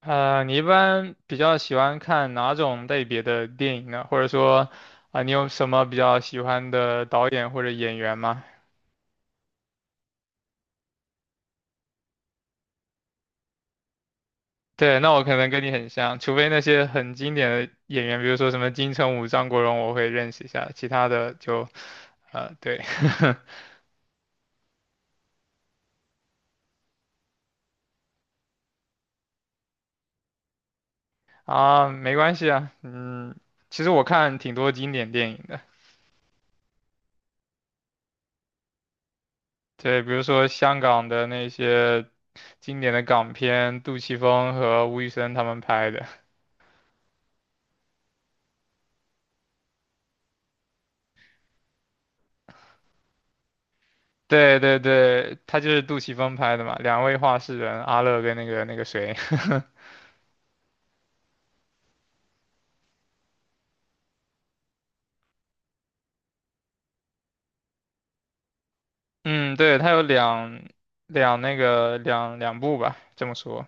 你一般比较喜欢看哪种类别的电影呢？或者说，啊、你有什么比较喜欢的导演或者演员吗？对，那我可能跟你很像，除非那些很经典的演员，比如说什么金城武、张国荣，我会认识一下，其他的就，对，啊，没关系啊，嗯，其实我看挺多经典电影的，对，比如说香港的那些经典的港片，杜琪峰和吴宇森他们拍的。对对对，他就是杜琪峰拍的嘛，两位画室人，阿乐跟那个那个谁，嗯，对，他有两两那个两两部吧，这么说，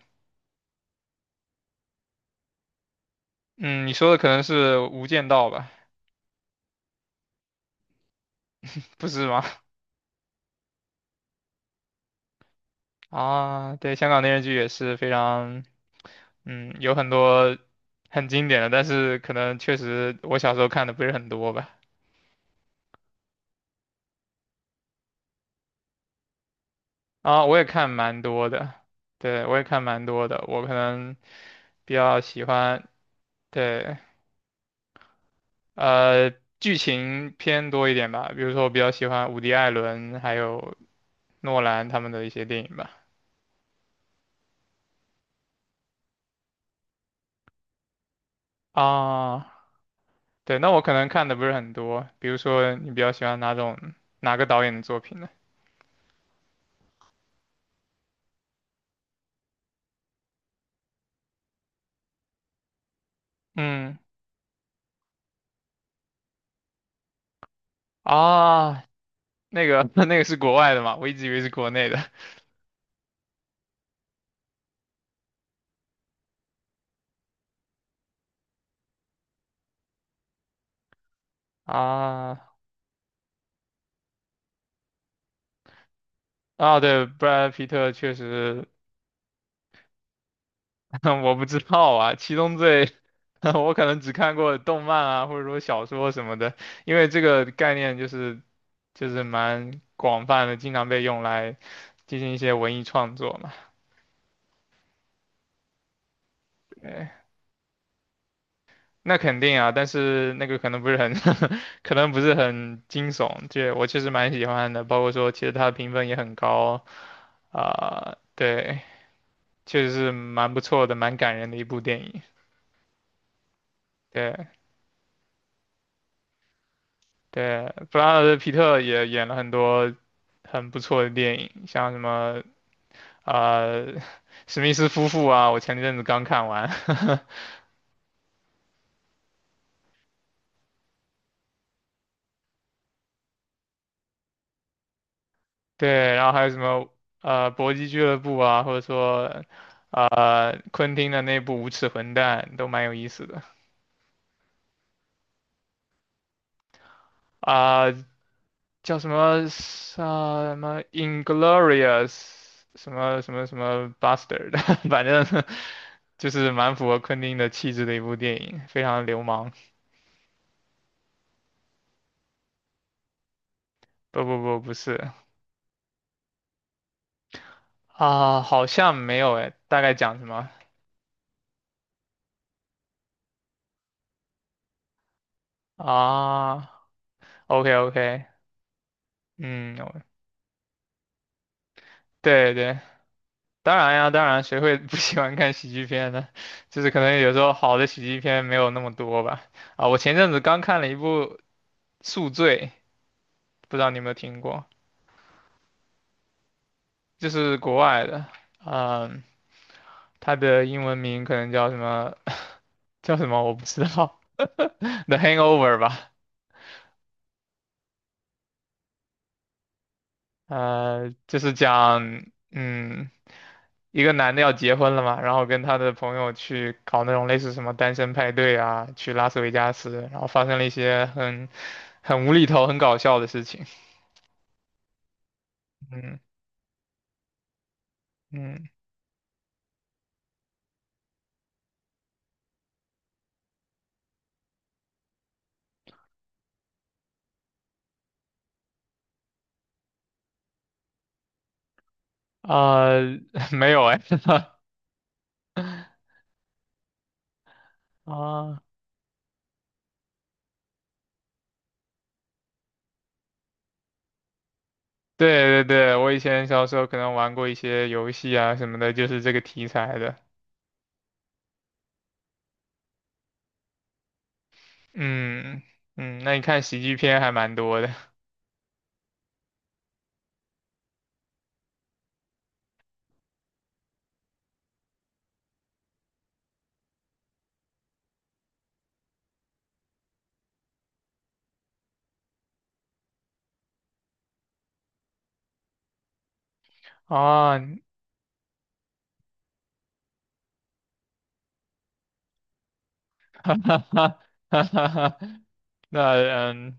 嗯，你说的可能是《无间道》吧，不是吗？啊，对，香港电视剧也是非常，嗯，有很多很经典的，但是可能确实我小时候看的不是很多吧。啊，我也看蛮多的，对，我也看蛮多的，我可能比较喜欢，对。呃，剧情偏多一点吧，比如说我比较喜欢伍迪·艾伦还有诺兰他们的一些电影吧。啊，对，那我可能看的不是很多，比如说你比较喜欢哪个导演的作品呢？嗯，啊，那个 那个是国外的嘛，我一直以为是国内的。啊，啊，对，布莱德·皮特确实 我不知道啊，《七宗罪》我可能只看过动漫啊，或者说小说什么的，因为这个概念就是蛮广泛的，经常被用来进行一些文艺创作嘛。对，那肯定啊，但是那个可能不是很 可能不是很惊悚，这我确实蛮喜欢的，包括说其实它的评分也很高啊，对，确实是蛮不错的，蛮感人的一部电影。对对，布拉德皮特也演了很多。很不错的电影，像什么呃史密斯夫妇啊，我前阵子刚看完，对，然后还有什么搏击俱乐部啊，或者说昆汀的那部《无耻混蛋》都蛮有意思的啊、叫什么什么 Inglorious 什么 Bastard，反正就是蛮符合昆汀的气质的一部电影，非常流氓。不不不，不是啊、好像没有诶，大概讲什么？啊，OK OK，嗯，对对，当然呀，当然，谁会不喜欢看喜剧片呢？就是可能有时候好的喜剧片没有那么多吧。啊，我前阵子刚看了一部《宿醉》，不知道你有没有听过，就是国外的，嗯，它的英文名可能叫什么 叫什么我不知道，《The Hangover》吧，就是讲，嗯。一个男的要结婚了嘛，然后跟他的朋友去搞那种类似什么单身派对啊，去拉斯维加斯，然后发生了一些很无厘头、很搞笑的事情。嗯嗯啊、没有哎 啊，对对对，我以前小时候可能玩过一些游戏啊什么的，就是这个题材的。嗯嗯，那你看喜剧片还蛮多的啊，哈哈哈哈哈哈。那嗯，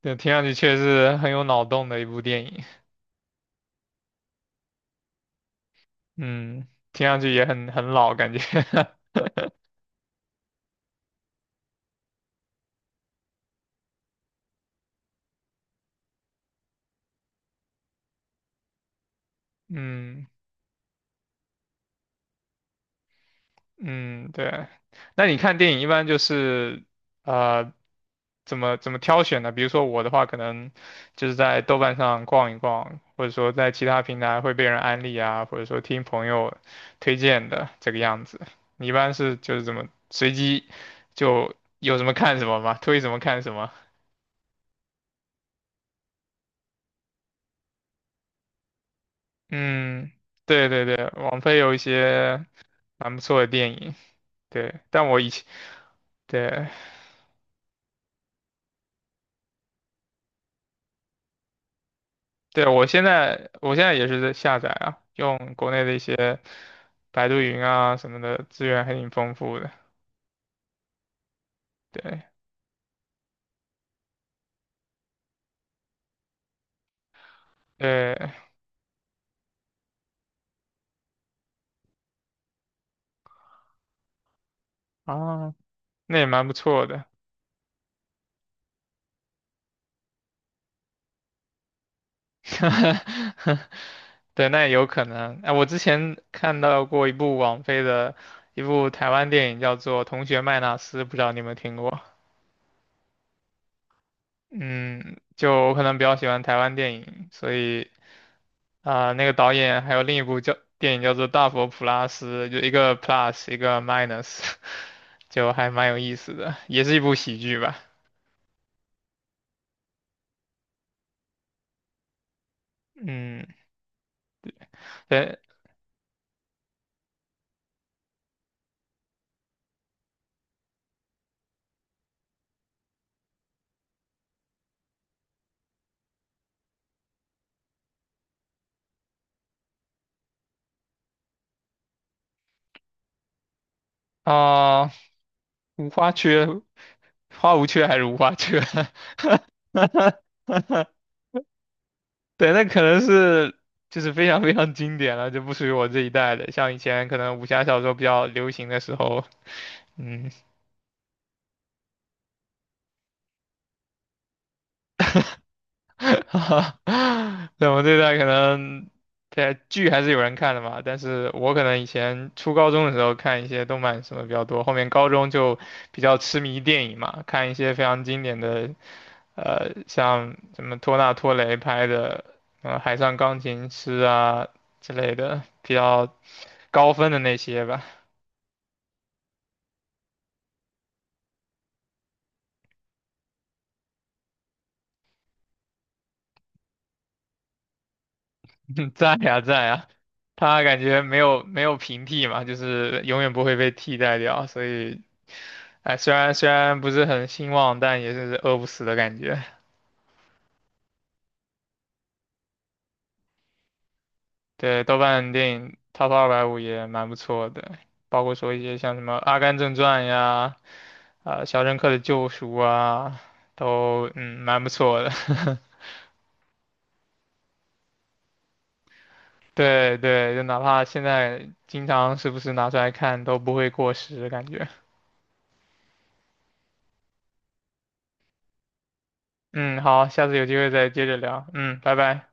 对，听上去确实很有脑洞的一部电影，嗯，听上去也很很老感觉，嗯嗯，对。那你看电影一般就是呃怎么挑选呢？比如说我的话，可能就是在豆瓣上逛一逛，或者说在其他平台会被人安利啊，或者说听朋友推荐的这个样子。你一般是就是怎么随机就有什么看什么吗？推什么看什么？嗯，对对对，网飞有一些。蛮不错的电影。对，但我以前，对，对，我现在也是在下载啊，用国内的一些百度云啊什么的资源还挺丰富的。对，对，啊，那也蛮不错的。对，那也有可能。哎、我之前看到过一部网飞的一部台湾电影，叫做《同学麦纳斯》，不知道你有没有听过？嗯，就我可能比较喜欢台湾电影，所以啊、那个导演还有另一部叫电影叫做《大佛普拉斯》，就一个 plus 一个 minus，就还蛮有意思的，也是一部喜剧吧。嗯，对啊、无花缺，花无缺还是无花缺？对，那可能是就是非常非常经典了，就不属于我这一代的。像以前可能武侠小说比较流行的时候，嗯，哈哈，对，我这代可能对剧还是有人看的嘛，但是我可能以前初高中的时候看一些动漫什么比较多，后面高中就比较痴迷电影嘛，看一些非常经典的，像什么托纳托雷拍的，《海上钢琴师》啊之类的，比较高分的那些吧，在呀在呀，他感觉没有平替嘛，就是永远不会被替代掉，所以。哎，虽然不是很兴旺，但也是饿不死的感觉。对，豆瓣电影 Top 250也蛮不错的，包括说一些像什么《阿甘正传》呀，啊、肖申克的救赎》啊，都嗯蛮不错的。对对，就哪怕现在经常时不时拿出来看，都不会过时，感觉。嗯，好，下次有机会再接着聊。嗯，拜拜。